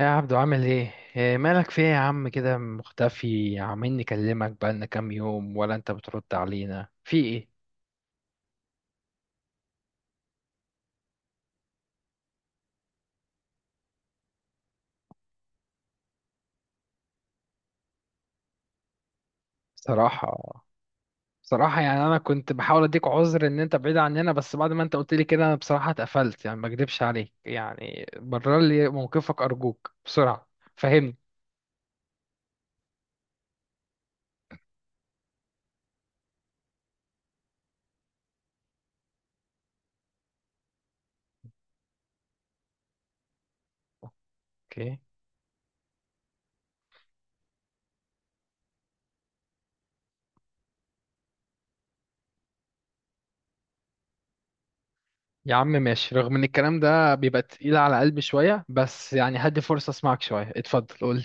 يا عبدو، عامل ايه؟ إيه مالك؟ في ايه يا عم؟ كده مختفي، عمالين نكلمك بقالنا كام يوم ولا انت بترد علينا؟ في ايه؟ صراحة. صراحة، يعني انا كنت بحاول اديك عذر ان انت بعيد عننا، بس بعد ما انت قلت لي كده انا بصراحة اتقفلت، يعني ما اكدبش عليك. يعني برر لي موقفك ارجوك بسرعة. فهمني. اوكي. يا عم ماشي، رغم ان الكلام ده بيبقى تقيل على قلبي شوية، بس يعني هدي فرصة اسمعك شوية. اتفضل قولي.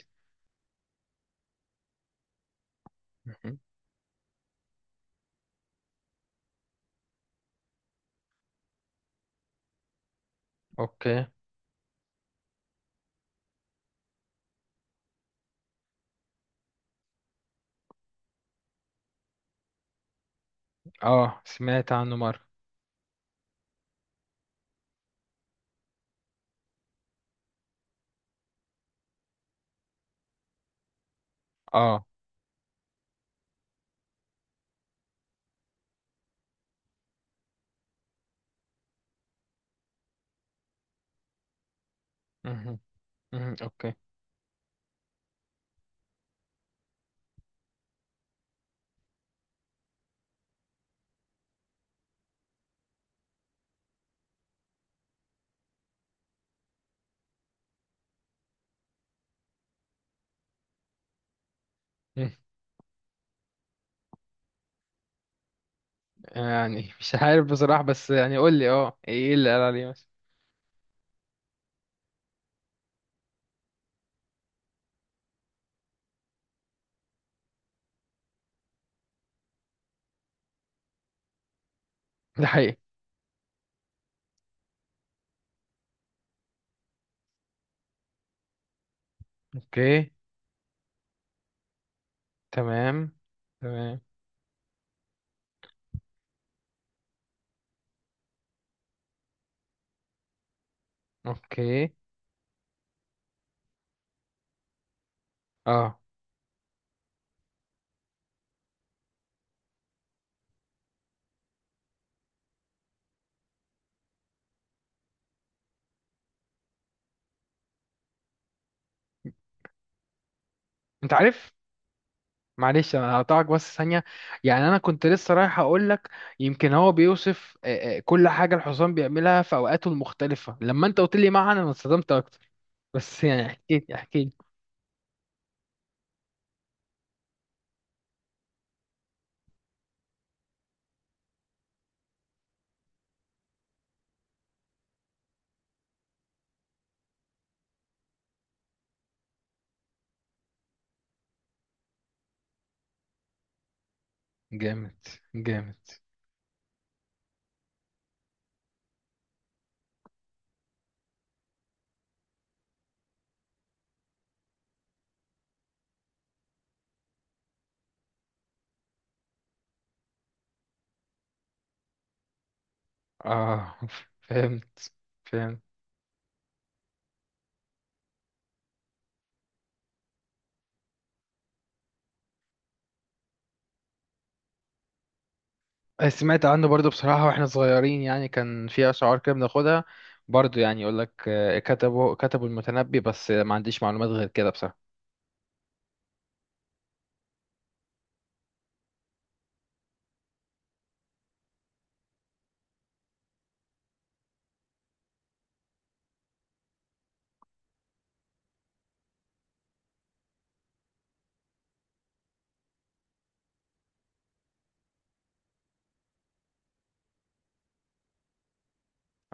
مهم. اوكي. اه، سمعت عنه مرة. اه. مهم. مم، اوكي. مم. يعني مش عارف بصراحة، بس يعني قول لي ايه اللي قال عليه مثلا. ده حقيقي. اوكي. تمام. تمام. اوكي. اه. انت عارف. معلش انا هقطعك بس ثانية. يعني انا كنت لسه رايح اقول لك. يمكن هو بيوصف كل حاجة الحصان بيعملها في اوقاته المختلفة. لما انت قلت لي معنى انا اتصدمت اكتر، بس يعني احكي لي احكي لي. جامد. جامد. اه فهمت. فهمت. آه، سمعت عنه برضو بصراحة. واحنا صغيرين يعني كان في أشعار كده بناخدها. برضو يعني يقول لك، كتبوا المتنبي، بس ما عنديش معلومات غير كده بصراحة.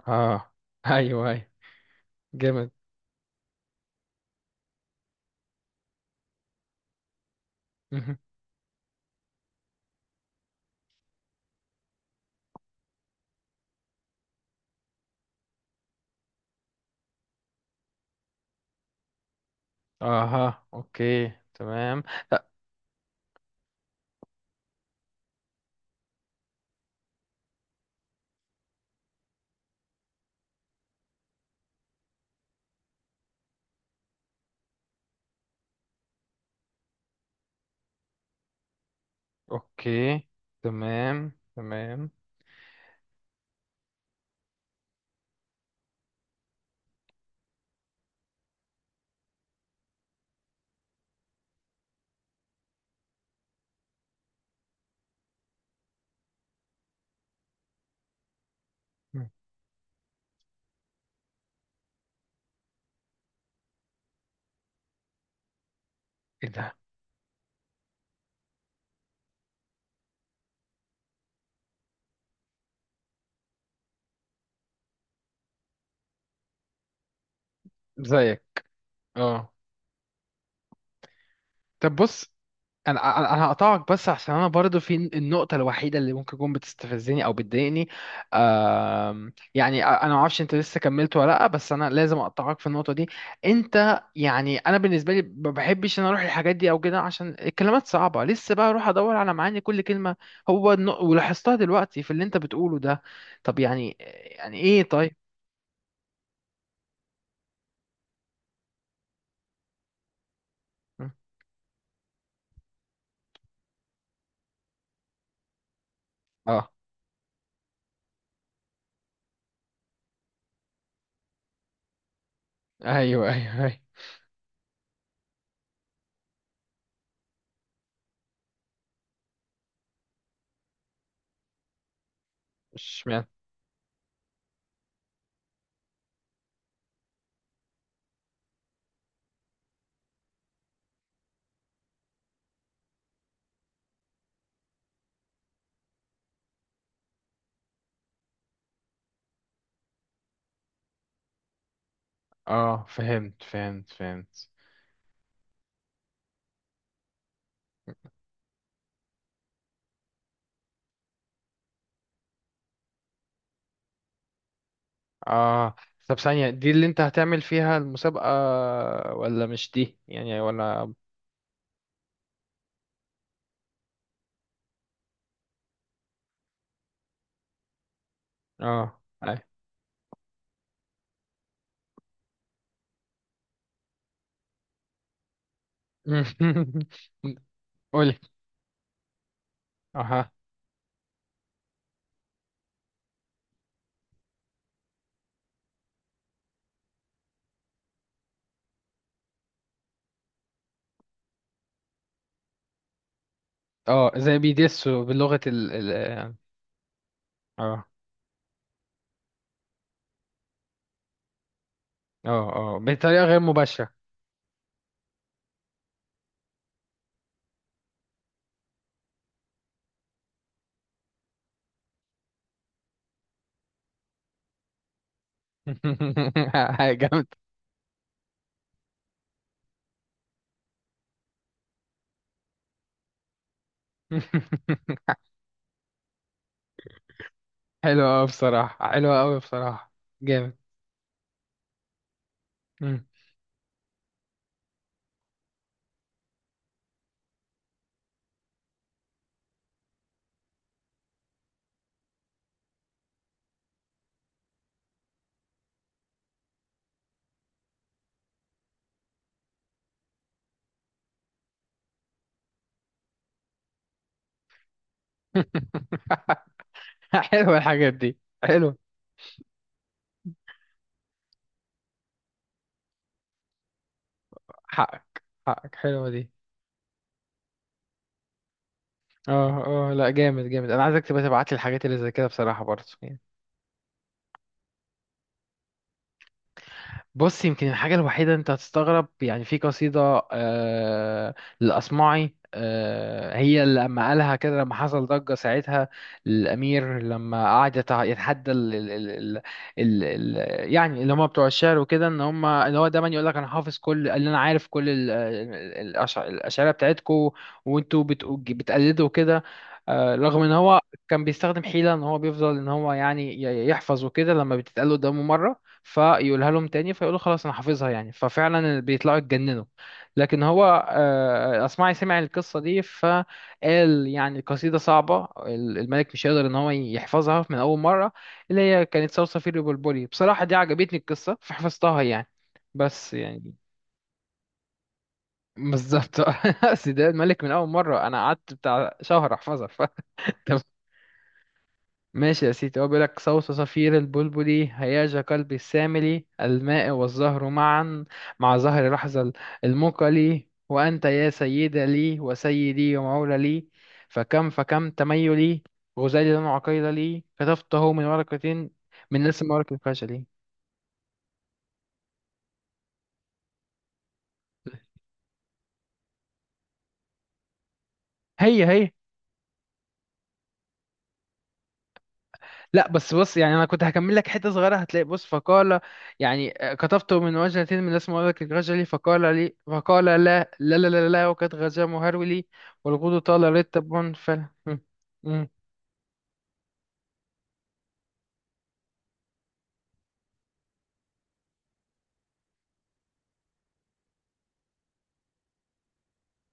اه ايوه، ايوه. جامد. مهم. اها، اوكي، تمام. لا. اوكي. تمام، تمام. مم. ايه ده؟ زيك. اه. طب بص، انا انا أنا هقطعك بس، عشان انا برضو في النقطه الوحيده اللي ممكن تكون بتستفزني او بتضايقني. يعني انا ما اعرفش انت لسه كملت ولا لا، بس انا لازم اقطعك في النقطه دي. انت يعني انا بالنسبه لي ما بحبش ان اروح الحاجات دي او كده، عشان الكلمات صعبه، لسه بقى اروح ادور على معاني كل كلمه. ولاحظتها دلوقتي في اللي انت بتقوله ده. طب يعني، يعني ايه طيب؟ اه، ايوه، ايوه، ايوه. اشمعنى؟ اه، فهمت، فهمت، فهمت. اه، طب ثانية، دي اللي انت هتعمل فيها المسابقة ولا مش دي يعني، ولا؟ اه. أي. قولي. اها. اه، زي بيدسوا بلغة ال ال اه اه. اه. آه، بطريقة غير مباشرة. جامد. حلوة أوي بصراحة، حلوة أوي بصراحة. جامد. مم. حلوة الحاجات دي، حلوة. حقك. حقك، حلوة دي. اه، اه، لا، جامد، جامد، انا عايزك تبقى تبعت لي الحاجات اللي زي كده بصراحة برضه يعني. بص، يمكن الحاجة الوحيدة انت هتستغرب، يعني في قصيدة للأصمعي. هي اللي لما قالها كده لما حصل ضجة ساعتها. الأمير لما قعد يتحدى ال ال ال ال ال ال يعني اللي هم بتوع الشعر وكده، ان هم اللي هو دايما يقول لك انا حافظ كل اللي انا عارف، كل الأشعرية بتاعتكم، وانتوا بتقلدوا كده. رغم ان هو كان بيستخدم حيلة، ان هو بيفضل ان هو يعني يحفظ وكده، لما بتتقال قدامه مرة فيقولها لهم تاني فيقولوا خلاص انا حافظها، يعني ففعلا بيطلعوا يتجننوا. لكن هو اصمعي سمع القصه دي، فقال يعني القصيده صعبه، الملك مش هيقدر ان هو يحفظها من اول مره، اللي هي كانت صرصفير وبلبلي. بصراحه دي عجبتني القصه فحفظتها يعني، بس يعني. بالظبط. أصل ده الملك من اول مره، انا قعدت بتاع شهر احفظها ف. ماشي يا سيدي، هو بيقولك: صوت صفير البلبل هياج قلبي السامل، الماء والزهر معا، مع زهر لحظة المقل، وأنت يا سيد لي وسيدي، ومولى لي، فكم فكم تميلي، غزالي لن عقيل لي، كتفته من ورقة، من نسم ورق الفشل. هي هي. لا، بس بص، يعني انا كنت هكمل لك حته صغيره، هتلاقي بص فقال، يعني كتبته من وجهة، من اسم ولدك الرجل، فقال لي فقال: لا لا لا لا, لا وقد غزا مهرولي، والغدو طال رتب فل. مم، مم،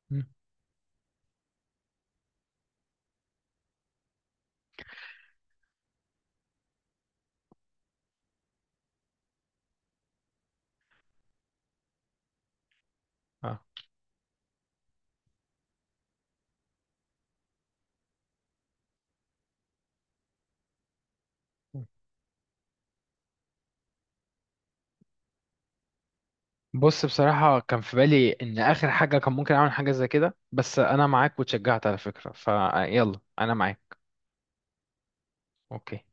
مم. آه. بص، بصراحه كان في بالي ان اخر حاجه كان ممكن اعمل حاجه زي كده، بس انا معاك، وتشجعت على فكره، فيلا انا معاك. اوكي.